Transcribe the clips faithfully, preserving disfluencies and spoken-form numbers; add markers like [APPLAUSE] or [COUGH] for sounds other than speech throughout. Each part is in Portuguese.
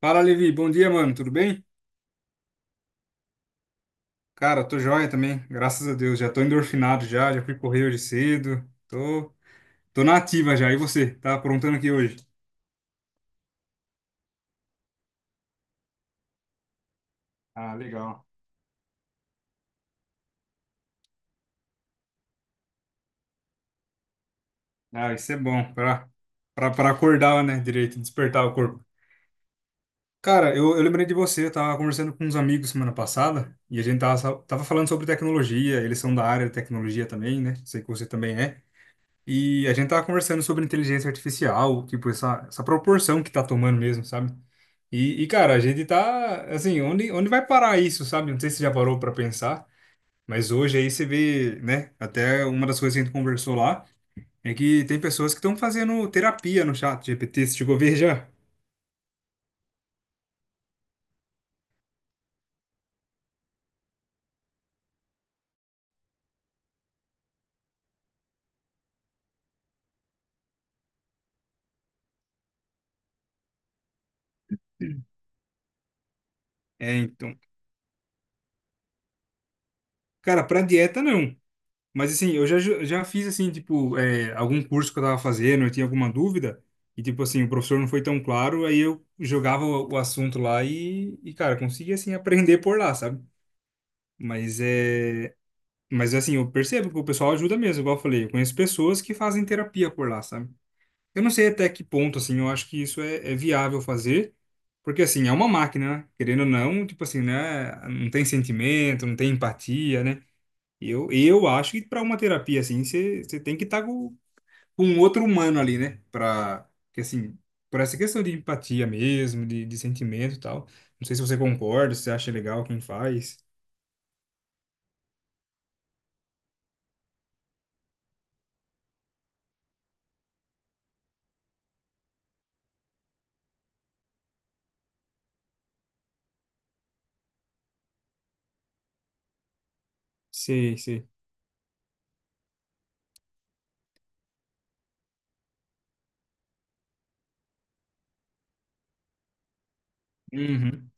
Fala, Levi. Bom dia, mano. Tudo bem? Cara, tô joia também. Graças a Deus. Já tô endorfinado já. Já fui correr hoje cedo. Tô, tô na ativa já. E você? Tá aprontando aqui hoje? Ah, legal. Ah, isso é bom pra, pra, pra acordar, né? Direito, despertar o corpo. Cara, eu, eu lembrei de você. Eu tava conversando com uns amigos semana passada e a gente tava, tava falando sobre tecnologia. Eles são da área de tecnologia também, né? Sei que você também é. E a gente tava conversando sobre inteligência artificial, tipo, essa, essa proporção que tá tomando mesmo, sabe? E, e, cara, a gente tá, assim, onde, onde vai parar isso, sabe? Não sei se você já parou pra pensar, mas hoje aí você vê, né? Até uma das coisas que a gente conversou lá é que tem pessoas que estão fazendo terapia no chat G P T, você chegou a ver já? É, então. Cara, pra dieta não. Mas assim, eu já, já fiz assim, tipo, é, algum curso que eu tava fazendo, eu tinha alguma dúvida, e tipo assim, o professor não foi tão claro, aí eu jogava o, o assunto lá e, e, cara, conseguia assim aprender por lá, sabe? Mas é. Mas assim, eu percebo que o pessoal ajuda mesmo, igual eu falei, eu conheço pessoas que fazem terapia por lá, sabe? Eu não sei até que ponto, assim, eu acho que isso é, é viável fazer, porque assim, é uma máquina, né? Querendo ou não, tipo assim, né? Não tem sentimento, não tem empatia, né? Eu, eu acho que para uma terapia assim, você você tem que estar com, com um outro humano ali, né? Para que assim, por essa questão de empatia mesmo, de, de sentimento e tal. Não sei se você concorda, se você acha legal quem faz. Sei, sei. Uhum.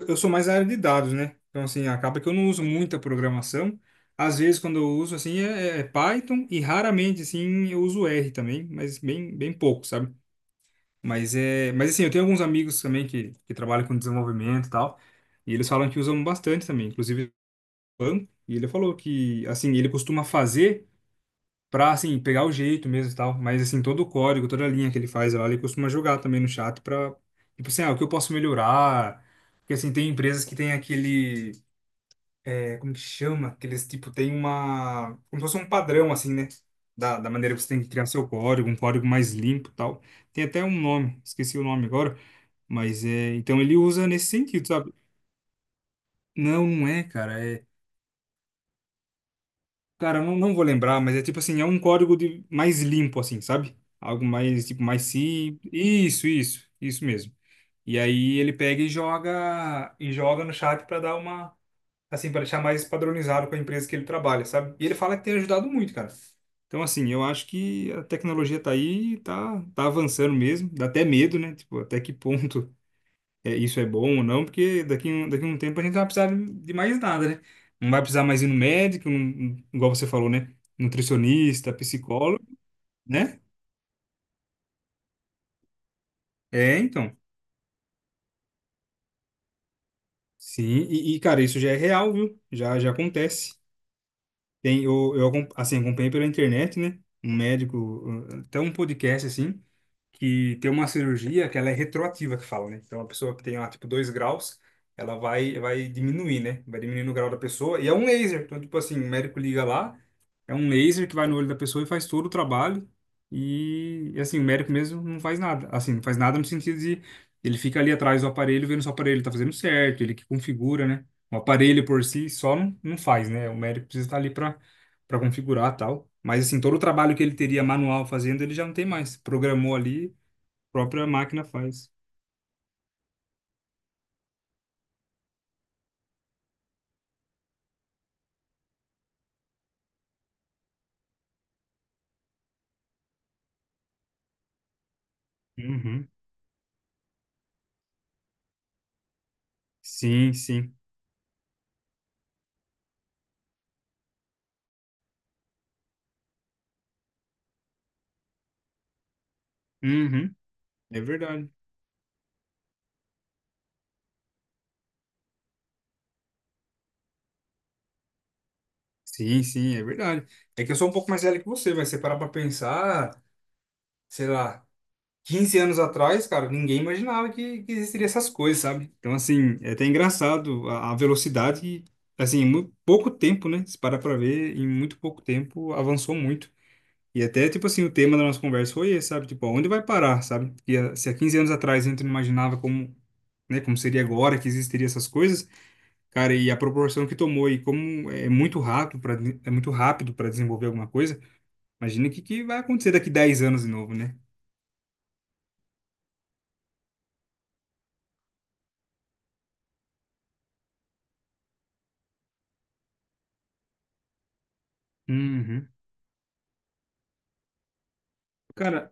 Eu sou mais da área de dados, né? Então, assim, acaba que eu não uso muita programação. Às vezes, quando eu uso, assim, é, é Python e raramente, assim, eu uso R também, mas bem, bem pouco, sabe? Mas é, mas assim, eu tenho alguns amigos também que, que trabalham com desenvolvimento e tal, e eles falam que usam bastante também, inclusive, e ele falou que assim, ele costuma fazer pra assim pegar o jeito mesmo e tal, mas assim, todo o código, toda a linha que ele faz lá, ele costuma jogar também no chat pra, tipo assim, ah, o que eu posso melhorar? Porque assim, tem empresas que tem aquele é, como que chama? Que eles, tipo, tem uma... como se fosse um padrão, assim, né? Da, da maneira que você tem que criar seu código, um código mais limpo e tal. Tem até um nome, esqueci o nome agora. Mas é. Então ele usa nesse sentido, sabe? Não, não é, cara. É. Cara, eu não, não vou lembrar, mas é tipo assim, é um código de mais limpo, assim, sabe? Algo mais, tipo, mais simples. Isso, isso. Isso mesmo. E aí ele pega e joga... E joga no chat para dar uma assim, para deixar mais padronizado com a empresa que ele trabalha, sabe? E ele fala que tem ajudado muito, cara. Então, assim, eu acho que a tecnologia tá aí, tá, tá avançando mesmo. Dá até medo, né? Tipo, até que ponto é, isso é bom ou não, porque daqui, um- daqui a um tempo a gente não vai precisar de mais nada, né? Não vai precisar mais ir no médico, não- igual você falou, né? Nutricionista, psicólogo, né? É, então. Sim, e, e, cara, isso já é real, viu? Já, já acontece. Tem, eu, eu acom- Assim, acompanhei pela internet, né? Um médico, uh, até um podcast, assim, que tem uma cirurgia que ela é retroativa, que fala, né? Então, a pessoa que tem lá, tipo, dois graus, ela vai, vai diminuir, né? Vai diminuindo o grau da pessoa. E é um laser. Então, tipo assim, o médico liga lá, é um laser que vai no olho da pessoa e faz todo o trabalho. E, e, assim, o médico mesmo não faz nada. Assim, não faz nada no sentido de ele fica ali atrás do aparelho, vendo se o aparelho tá fazendo certo, ele que configura, né? O aparelho por si só não, não faz, né? O médico precisa estar ali para para configurar tal. Mas, assim, todo o trabalho que ele teria manual fazendo, ele já não tem mais. Programou ali, a própria máquina faz. Uhum. Sim, sim. Uhum. É verdade. Sim, sim, é verdade. É que eu sou um pouco mais velho que você, vai separar para pensar, sei lá. Quinze anos atrás, cara, ninguém imaginava que, que existiria essas coisas, sabe? Então, assim, é até engraçado a, a velocidade, que, assim, em muito pouco tempo, né? Se parar pra ver, em muito pouco tempo avançou muito. E até, tipo assim, o tema da nossa conversa foi esse, sabe? Tipo, onde vai parar, sabe? Porque ah, se há quinze anos atrás a gente não imaginava como, né, como seria agora que existiria essas coisas, cara, e a proporção que tomou e como é muito rápido para é muito rápido para desenvolver alguma coisa, imagina o que, que vai acontecer daqui dez anos de novo, né? Uhum. Cara,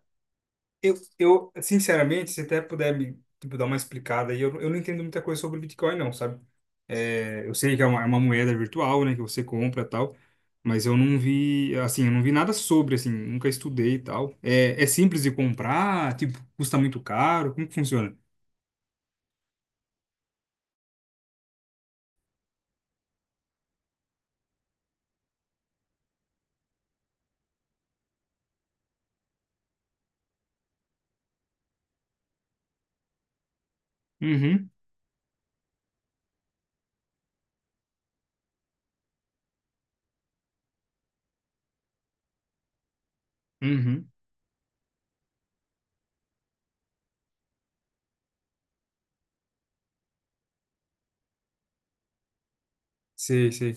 Eu, eu, sinceramente, se até puder me tipo, dar uma explicada aí, eu, eu não entendo muita coisa sobre Bitcoin, não, sabe? É, eu sei que é uma, é uma moeda virtual, né, que você compra e tal, mas eu não vi, assim, eu não vi nada sobre, assim, nunca estudei e tal. É, é simples de comprar, tipo, custa muito caro, como que funciona? Uhum, uhum. Sei, sei.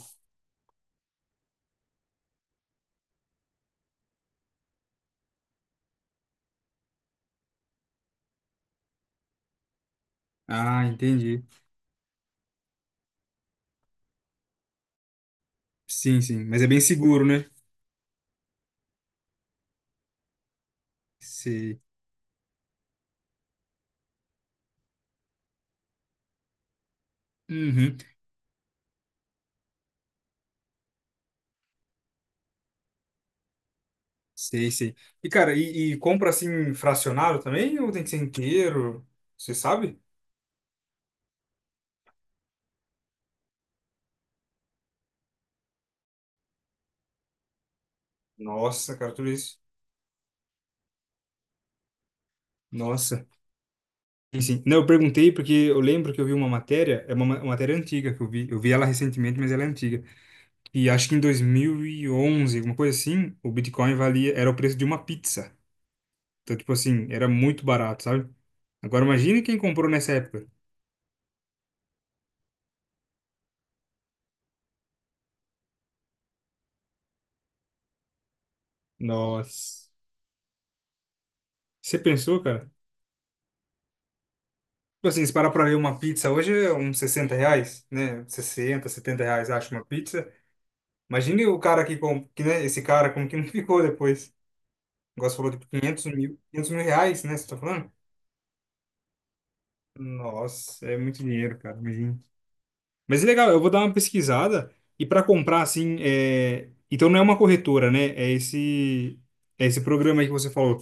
Ah, entendi. Sim, sim, mas é bem seguro, né? Sei. Uhum, sei, sei. E, cara, e, e compra, assim, fracionado também, ou tem que ser inteiro? Você sabe? Nossa, cara, tudo isso. Nossa. Sim, sim. Não, eu perguntei porque eu lembro que eu vi uma matéria, é uma, ma- uma matéria antiga que eu vi. Eu vi ela recentemente, mas ela é antiga. E acho que em dois mil e onze alguma coisa assim, o Bitcoin valia, era o preço de uma pizza. Então, tipo assim, era muito barato, sabe? Agora imagine quem comprou nessa época. Nossa. Você pensou, cara? Tipo assim, se parar pra ver uma pizza hoje é uns sessenta reais, né? Sessenta setenta reais, acho, uma pizza. Imagine o cara que, com- que né? Esse cara, como que não ficou depois? Agora você falou de quinhentos mil, quinhentos mil reais, né? Você tá falando? Nossa, é muito dinheiro, cara, imagina. Mas é legal, eu vou dar uma pesquisada e para comprar, assim, é... então não é uma corretora, né? É esse, é esse programa aí que você falou.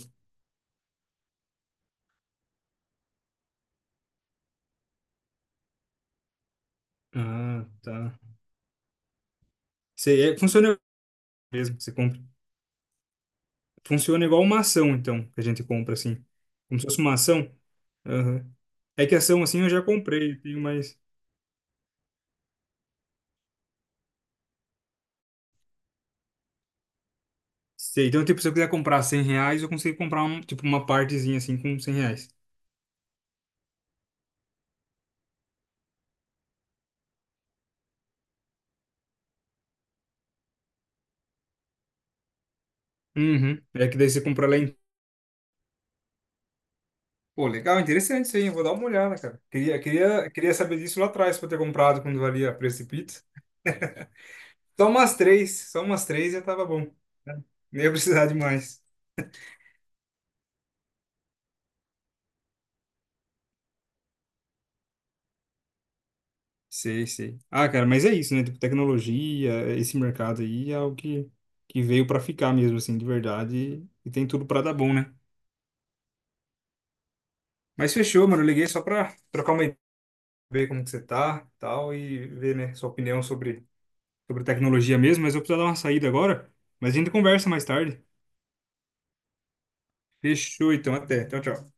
Ah, tá. Você, é, funciona mesmo, você compra. Funciona igual uma ação, então, que a gente compra, assim. Como se fosse uma ação. Aham. É que ação, assim, eu já comprei, tenho mais... Sei. Então, tipo, se eu quiser comprar cem reais, eu consigo comprar, um, tipo, uma partezinha, assim, com cem reais. Uhum. É que daí você compra lá em. Pô, legal, interessante isso aí, eu vou dar uma olhada, cara. Queria, queria, queria saber disso lá atrás, pra eu ter comprado quando valia a preço de pizza. Só umas três, só umas três já tava bom. [LAUGHS] né? Nem ia precisar de mais. Sei, sei. Ah, cara, mas é isso, né? Tipo, tecnologia, esse mercado aí é o que, que veio pra ficar mesmo, assim, de verdade. E, e tem tudo pra dar bom, né? Mas fechou, mano, eu liguei só pra trocar uma ideia, ver como que você tá, tal, e ver, né, sua opinião sobre sobre tecnologia mesmo, mas eu preciso dar uma saída agora. Mas a gente conversa mais tarde. Fechou, então, até. Tchau, tchau.